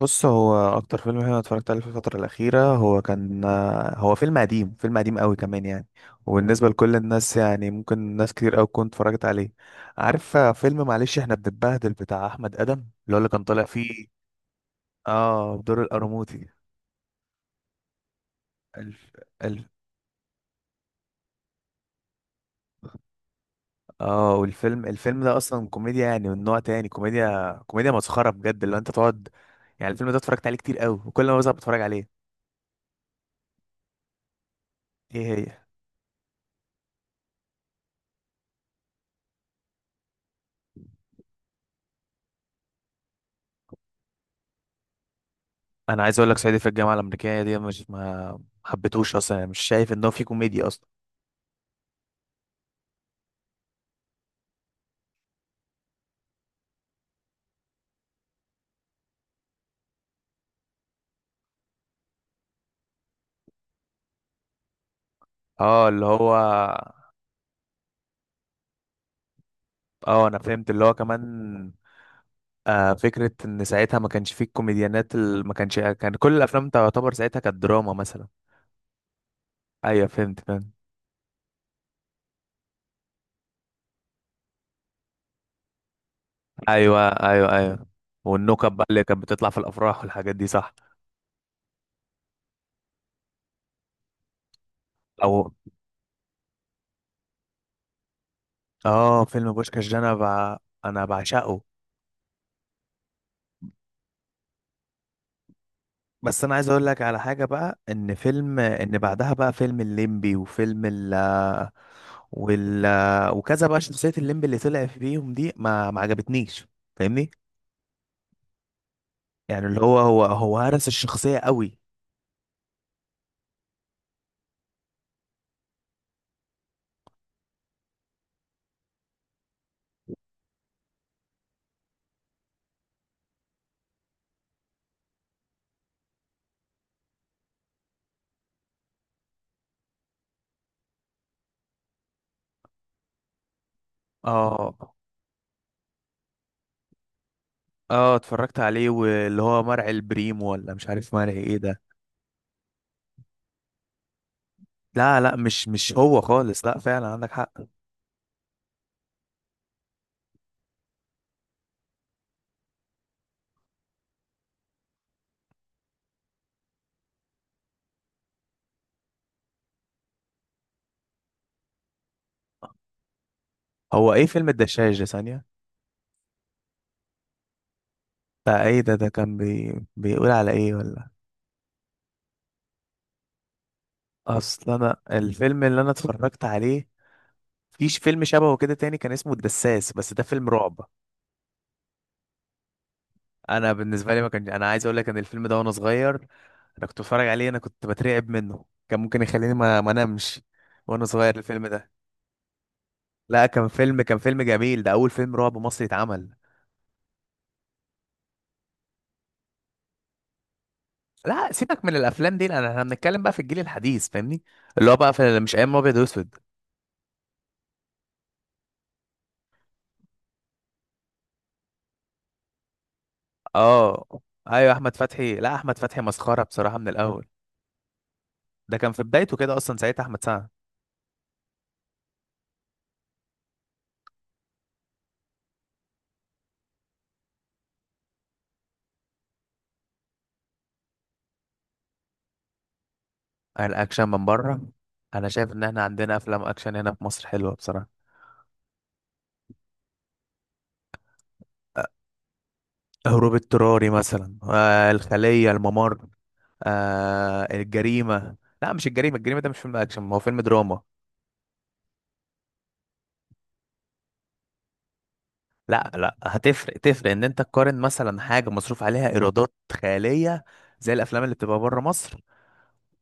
بص، هو اكتر فيلم انا اتفرجت عليه في الفتره الاخيره هو كان هو فيلم قديم، فيلم قديم قوي كمان يعني. وبالنسبه لكل الناس يعني ممكن ناس كتير قوي تكون اتفرجت عليه. عارف فيلم، معلش، احنا بنتبهدل بتاع احمد ادم اللي هو اللي كان طالع فيه؟ اه، بدور القرموطي. الف... الف... اه، والفيلم، الفيلم ده اصلا كوميديا يعني من نوع تاني، كوميديا، كوميديا مسخره بجد، اللي هو انت تقعد. يعني الفيلم ده اتفرجت عليه كتير قوي، وكل ما بزهق بتفرج عليه. ايه هي؟ انا عايز اقول لك صعيدي في الجامعه الامريكيه دي مش ما حبيتهوش اصلا. يعني مش شايف ان هو فيه كوميديا اصلا. اه اللي هو، اه انا فهمت اللي هو كمان. آه، فكره ان ساعتها ما كانش فيه الكوميديانات ما كانش، كان كل الافلام تعتبر ساعتها كانت دراما مثلا. ايوه فهمت، فهمت. ايوه، ايوه، ايوه. والنكت بقى اللي كانت بتطلع في الافراح والحاجات دي، صح. او اه، فيلم بوشكاش ده انا بعشقه. بس انا عايز اقول لك على حاجه بقى، ان فيلم، ان بعدها بقى فيلم الليمبي وفيلم ال، وال، وكذا، بقى شخصيه الليمبي اللي طلع فيهم دي ما عجبتنيش، فاهمني؟ يعني اللي هو هو هرس الشخصيه قوي. اه. اه اتفرجت عليه، واللي هو مرعي البريم، ولا مش عارف مرعي ايه ده. لا، مش هو خالص، لا فعلا عندك حق. هو ايه فيلم الدشاش ده؟ ثانيه. ده ايه ده؟ ده كان بيقول على ايه ولا؟ اصل انا الفيلم اللي انا اتفرجت عليه فيش فيلم شبهه كده تاني، كان اسمه الدساس، بس ده فيلم رعب. انا بالنسبه لي ما كان، انا عايز اقول لك ان الفيلم ده وانا صغير انا كنت بتفرج عليه، انا كنت بترعب منه، كان ممكن يخليني ما انامش وانا صغير الفيلم ده. لا، كان فيلم، كان فيلم جميل، ده اول فيلم رعب مصري اتعمل. لا سيبك من الافلام دي، لان احنا بنتكلم بقى في الجيل الحديث، فاهمني؟ اللي هو بقى في مش ايام ابيض واسود. اه. ايوه احمد فتحي، لا احمد فتحي مسخره بصراحه من الاول. ده كان في بدايته كده اصلا ساعتها احمد سعد. الاكشن من بره. انا شايف ان احنا عندنا افلام اكشن هنا في مصر حلوه بصراحه. آه، هروب اضطراري مثلا، آه الخليه، الممر، آه الجريمه. لا مش الجريمه، الجريمه ده مش فيلم اكشن، ما هو فيلم دراما. لا، هتفرق، تفرق ان انت تقارن مثلا حاجه مصروف عليها ايرادات خياليه، زي الافلام اللي بتبقى بره مصر،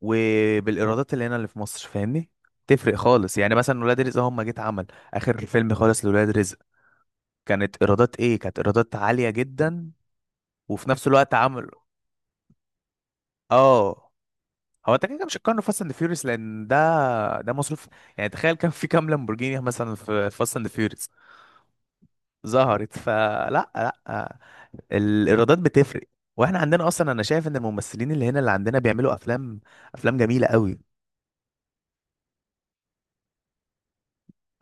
وبالايرادات اللي هنا اللي في مصر، فاهمني؟ تفرق خالص. يعني مثلا ولاد رزق هم جيت عمل اخر فيلم خالص لولاد رزق، كانت ايرادات ايه؟ كانت ايرادات عاليه جدا. وفي نفس الوقت عملوا، اه. هو انت كده كده مش هتقارنه فاست اند فيوريوس، لان ده، ده مصروف. يعني تخيل كان في كام لامبورجيني مثلا في فاست اند فيوريوس ظهرت؟ فلا لا، الايرادات بتفرق. واحنا عندنا اصلا، انا شايف ان الممثلين اللي هنا اللي عندنا بيعملوا افلام، افلام جميله قوي.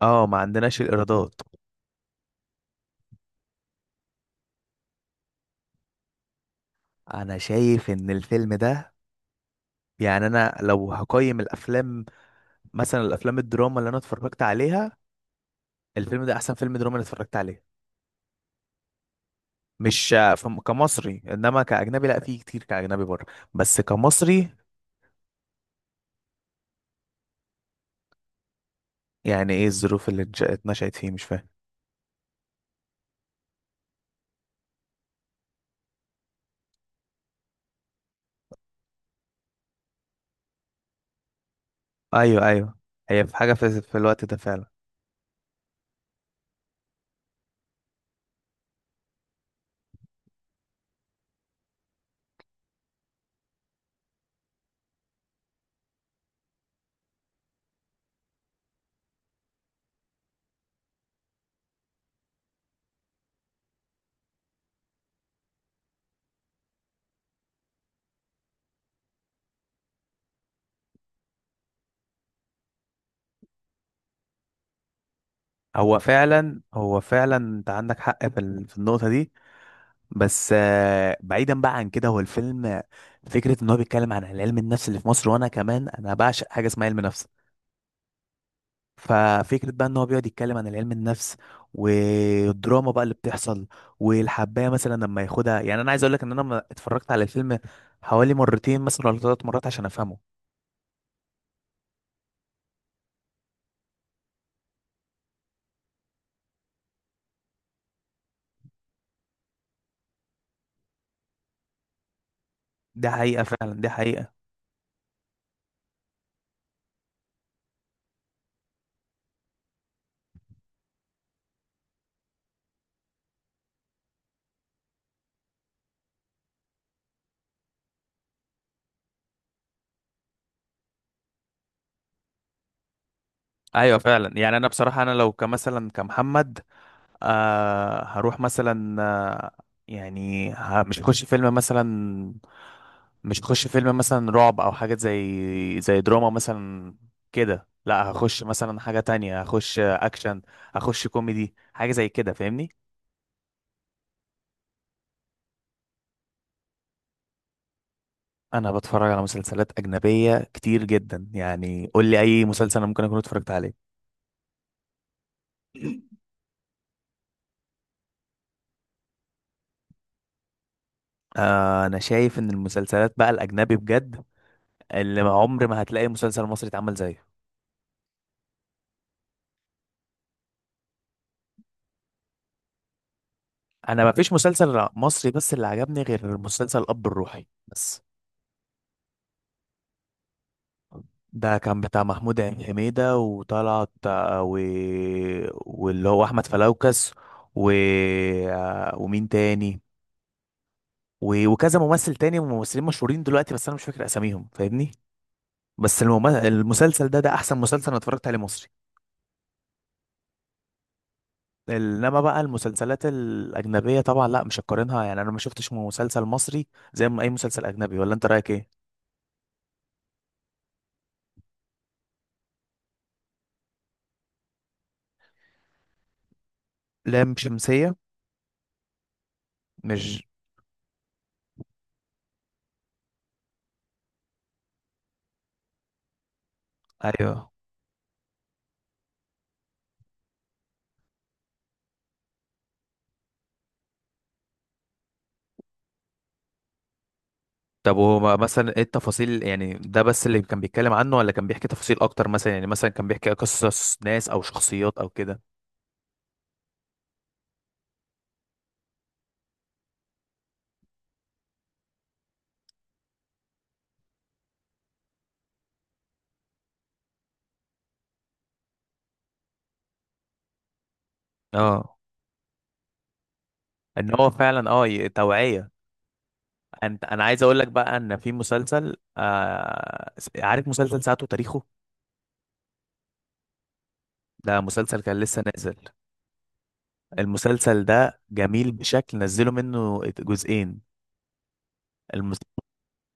اه، ما عندناش الايرادات. انا شايف ان الفيلم ده، يعني انا لو هقيم الافلام، مثلا الافلام الدراما اللي انا اتفرجت عليها، الفيلم ده احسن فيلم دراما انا اتفرجت عليه. مش فم- كمصري، انما كاجنبي لا، في كتير كاجنبي بره، بس كمصري. يعني ايه الظروف اللي اتنشأت فيه؟ مش فاهم. ايوه، ايوه. هي في حاجه في، في الوقت ده فعلا. هو فعلا، هو فعلا انت عندك حق في، في النقطه دي. بس آه، بعيدا بقى عن كده، هو الفيلم، فكره ان هو بيتكلم عن علم النفس اللي في مصر، وانا كمان انا بعشق حاجه اسمها علم نفس. ففكرة بقى ان هو بيقعد يتكلم عن علم النفس والدراما بقى اللي بتحصل، والحباية مثلا لما ياخدها. يعني انا عايز اقول لك ان انا لما اتفرجت على الفيلم حوالي مرتين مثلا ولا ثلاث مرات عشان افهمه. ده حقيقة فعلا، ده حقيقة. ايوه فعلا. يعني انا بصراحة انا لو كمثلا كمحمد، آه هروح مثلا، آه، يعني مش هخش فيلم مثلا، مش هخش فيلم مثلا رعب او حاجة زي، زي دراما مثلا كده، لا هخش مثلا حاجة تانية، هخش اكشن، هخش كوميدي، حاجة زي كده، فاهمني؟ انا بتفرج على مسلسلات اجنبية كتير جدا، يعني قول لي اي مسلسل انا ممكن اكون اتفرجت عليه. آه، انا شايف ان المسلسلات بقى الاجنبي بجد اللي ما عمر ما هتلاقي مسلسل مصري اتعمل زيه. انا ما فيش مسلسل مصري بس اللي عجبني غير مسلسل الاب الروحي بس. ده كان بتاع محمود حميدة، وطلعت آه، و... واللي هو احمد فلوكس، و... آه، ومين تاني، و... وكذا ممثل تاني، وممثلين مشهورين دلوقتي بس انا مش فاكر اساميهم، فاهمني؟ بس المسلسل ده، ده احسن مسلسل انا اتفرجت عليه مصري. انما بقى المسلسلات الاجنبيه طبعا لا، مش هقارنها. يعني انا ما شفتش مسلسل مصري زي ما اي مسلسل اجنبي، ولا انت رايك ايه؟ لام شمسيه. مش، ايوه. طب هو مثلا ايه التفاصيل؟ يعني ده بس اللي كان بيتكلم عنه، ولا كان بيحكي تفاصيل اكتر؟ مثلا يعني مثلا كان بيحكي قصص ناس او شخصيات او كده. اه، ان هو فعلا اه توعية. انت، انا عايز اقول لك بقى ان في مسلسل آه عارف مسلسل ساعته تاريخه؟ ده مسلسل كان لسه نازل. المسلسل ده جميل بشكل، نزلوا منه جزئين. المس...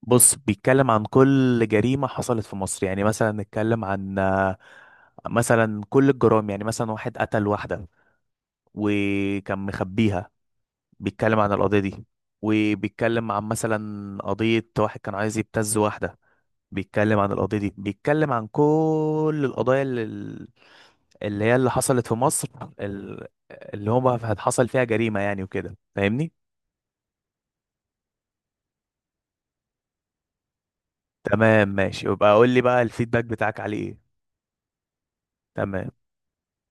بص بيتكلم عن كل جريمة حصلت في مصر. يعني مثلا نتكلم عن آه، مثلا كل الجرائم، يعني مثلا واحد قتل واحدة وكان مخبيها، بيتكلم عن القضية دي. وبيتكلم عن مثلا قضية واحد كان عايز يبتز واحدة، بيتكلم عن القضية دي. بيتكلم عن كل القضايا اللي، اللي هي اللي حصلت في مصر، اللي هما حصل فيها جريمة، يعني وكده، فاهمني؟ تمام ماشي، يبقى قول لي بقى الفيدباك بتاعك عليه ايه. تمام.